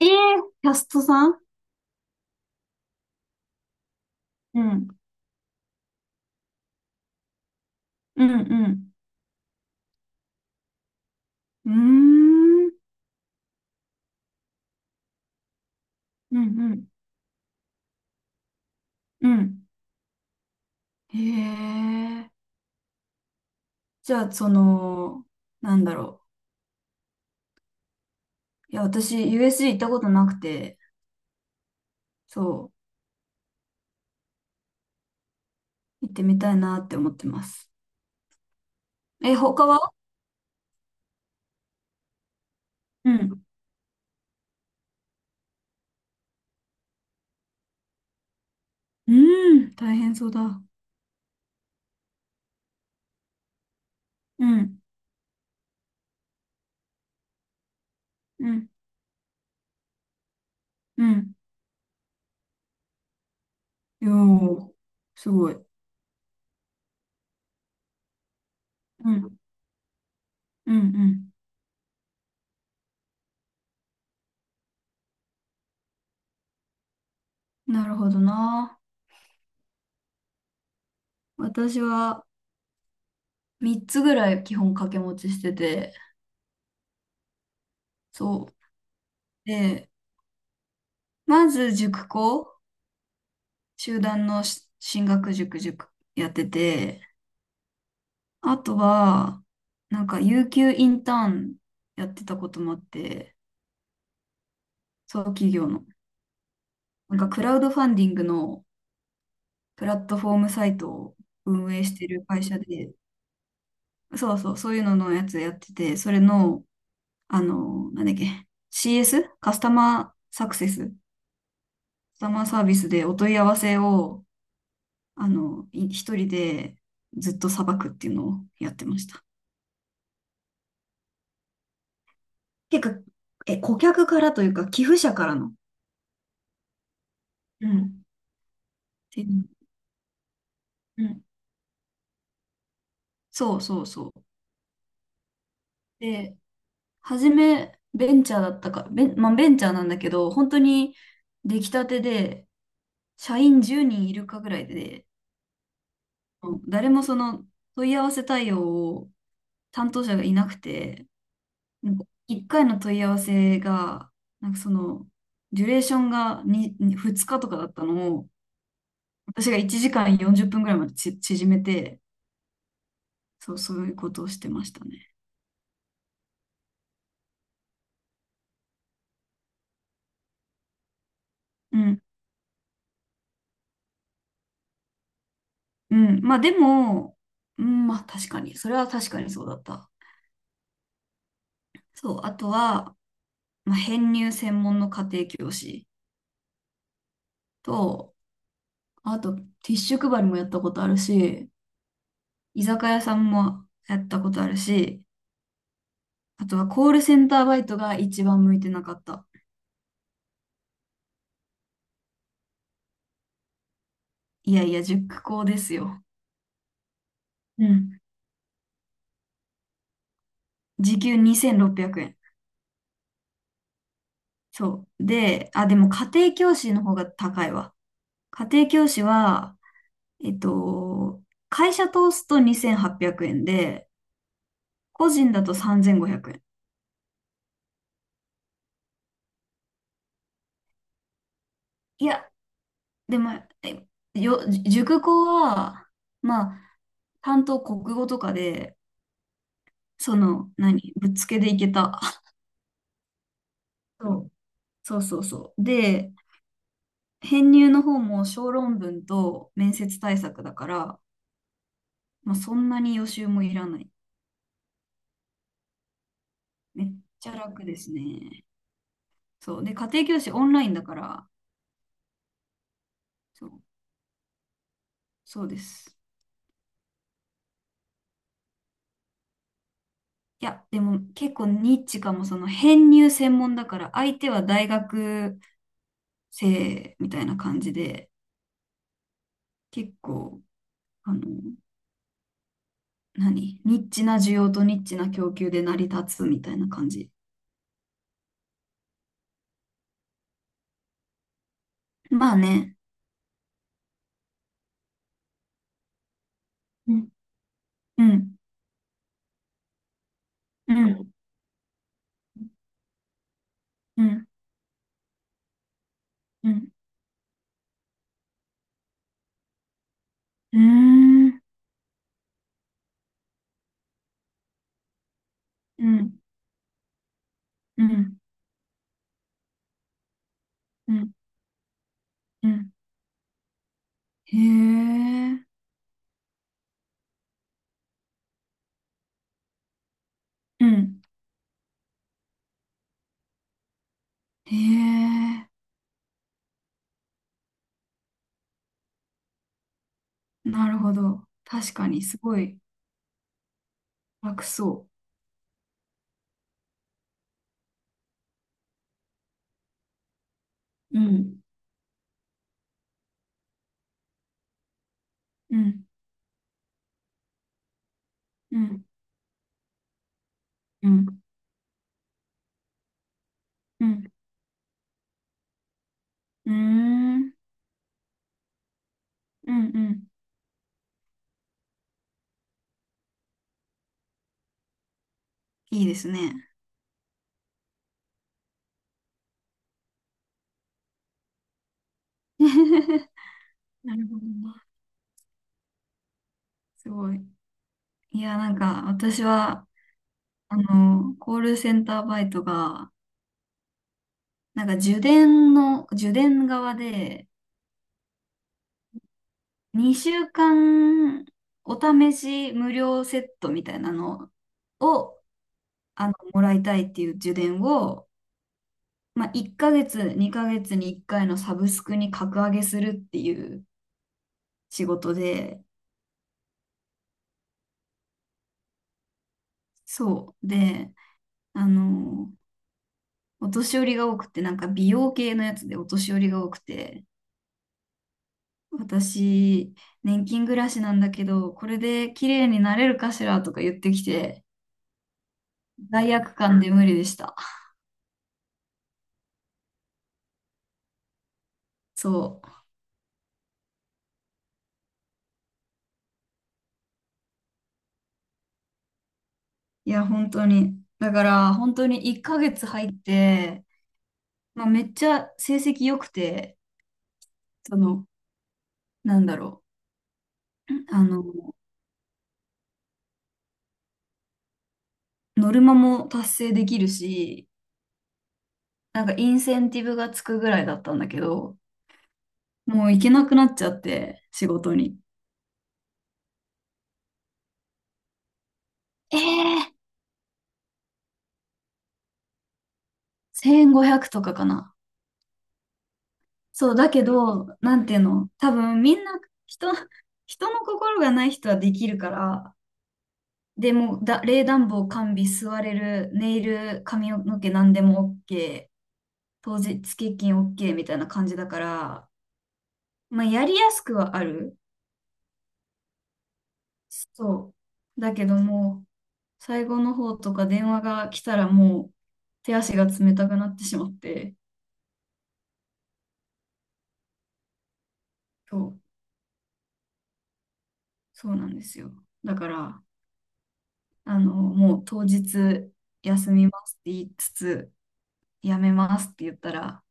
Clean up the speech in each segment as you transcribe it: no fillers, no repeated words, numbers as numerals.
ええ。キャストさん。うん、うん、うん。うーん、うん、うん、うん。へえ。じゃあ、その、なんだろう。いや、私、USG 行ったことなくて、そう、行ってみたいなって思ってます。え、他は。うん。うーん、大変そうだ。うん、うん、うん。よー、すごい。うん、うん、うん。なるほどな。私は3つぐらい基本掛け持ちしてて、そう。で、まず塾講、集団の進学塾やってて、あとは、なんか、有給インターンやってたこともあって、そう、企業の。なんか、クラウドファンディングのプラットフォームサイトを運営してる会社で、そうそう、そういうののやつやってて、それの、あの、なんだっけ、CS？ カスタマーサクセス、カスタマーサービスでお問い合わせを、あの、一人でずっとさばくっていうのをやってました。結構顧客からというか、寄付者からの。うん。っていう。うん、そうそうそう。で、初め、ベンチャーだったか、まあ、ベンチャーなんだけど、本当に出来たてで、社員10人いるかぐらいで、うん、誰もその問い合わせ対応を担当者がいなくて、なんか1回の問い合わせが、なんかその、デュレーションが 2, 日とかだったのを、私が1時間40分ぐらいまで縮めて、そう、そういうことをしてましたね。うん。うん。まあでも、うん、まあ確かに、それは確かにそうだった。そう、あとは、まあ、編入専門の家庭教師と、あと、ティッシュ配りもやったことあるし、居酒屋さんもやったことあるし、あとはコールセンターバイトが一番向いてなかった。いやいや、塾講ですよ。うん。時給2600円。そう。で、あ、でも家庭教師の方が高いわ。家庭教師は、えっと、会社通すと2800円で、個人だと3500円。いや、でも、えよ、塾講は、まあ、担当国語とかで、その、何、ぶっつけでいけた。そうそうそうそう。で、編入の方も小論文と面接対策だから、まあ、そんなに予習もいらない。めっちゃ楽ですね。そう。で、家庭教師オンラインだから、そう、そうです。いや、でも結構ニッチかも、その編入専門だから、相手は大学生みたいな感じで、結構、あの、何、ニッチな需要とニッチな供給で成り立つみたいな感じ。まあね。うん、うん、うん、うん、うん、うん、うん、うん、うん、うん。へえ、うん、へえ、なるほど。確かに、すごい楽そう。うん、うん、うん、うん、うん。うーん。うん、うん。いいですね。なるほどね。すごい。いや、なんか、私は、あの、コールセンターバイトが、なんか、受電側で、2週間、お試し無料セットみたいなのを、あの、もらいたいっていう受電を、まあ、1ヶ月、2ヶ月に1回のサブスクに格上げするっていう仕事で、そう。で、あの、お年寄りが多くて、なんか美容系のやつでお年寄りが多くて、私、年金暮らしなんだけど、これで綺麗になれるかしらとか言ってきて、罪悪感で無理でした。そう。いや、本当に。だから、本当に1ヶ月入って、まあ、めっちゃ成績良くて、その、なんだろう。あの、ノルマも達成できるし、なんかインセンティブがつくぐらいだったんだけど、もう行けなくなっちゃって、仕事に。ええ1500とかかな。そう、だけど、なんていうの、多分みんな人、人の心がない人はできるから、でも冷暖房完備、座れる、ネイル、髪の毛何でも OK、当日欠勤 OK みたいな感じだから、まあやりやすくはある。そう。だけどもう、最後の方とか電話が来たらもう手足が冷たくなってしまって、そう、そうなんですよ。だから、あの、もう当日休みますって言いつつ、やめますって言ったら、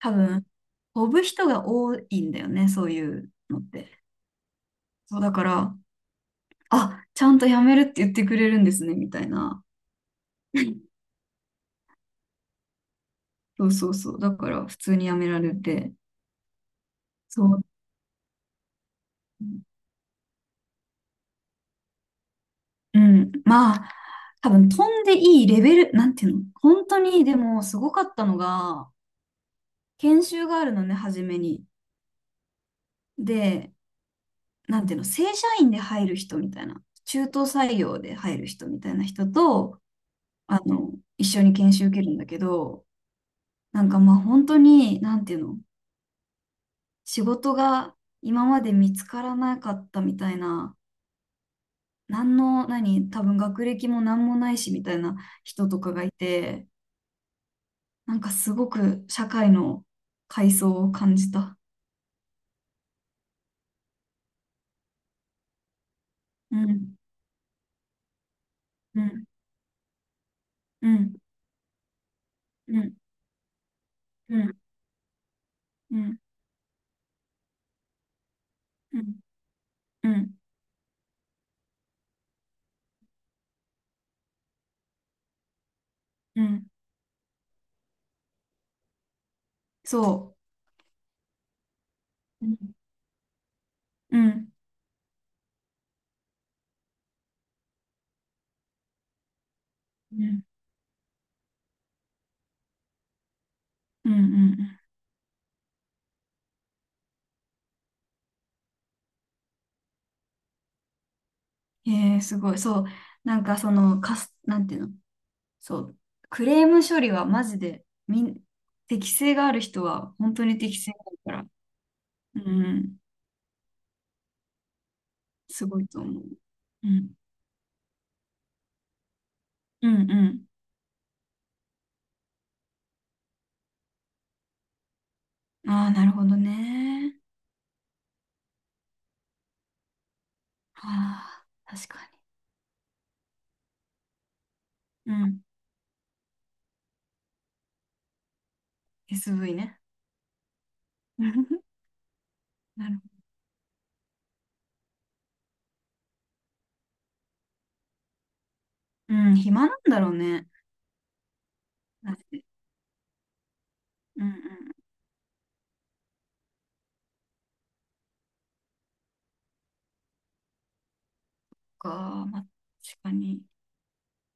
多分、飛ぶ人が多いんだよね、そういうのって。そうだから、あ、ちゃんとやめるって言ってくれるんですね、みたいな。そうそうそう。だから普通にやめられて。そう。うん。まあ、多分飛んでいいレベル、なんていうの、本当にでもすごかったのが、研修があるのね、初めに。で、なんていうの、正社員で入る人みたいな、中途採用で入る人みたいな人と、あの、一緒に研修受けるんだけど、なんかまあ本当に、なんていうの、仕事が今まで見つからなかったみたいな、何の、何、多分学歴も何もないしみたいな人とかがいて、なんかすごく社会の階層を感じた。うん、うん、うん、うん、うん、うん、うん、うん、うん、そう。うん。うん、うん、うん、うん、うん。ええ、すごい。そう。なんかその、なんていうの、そう。クレーム処理はマジで、適性がある人は本当に適性があるから、うん、すごいと思う。うん。うん、うん。ああ、なるほどね。ああ、確かに。うん。SV ね。なるほど。うん、暇なんだろうね。マジで。うん、うん。そっか、まあ、確かに。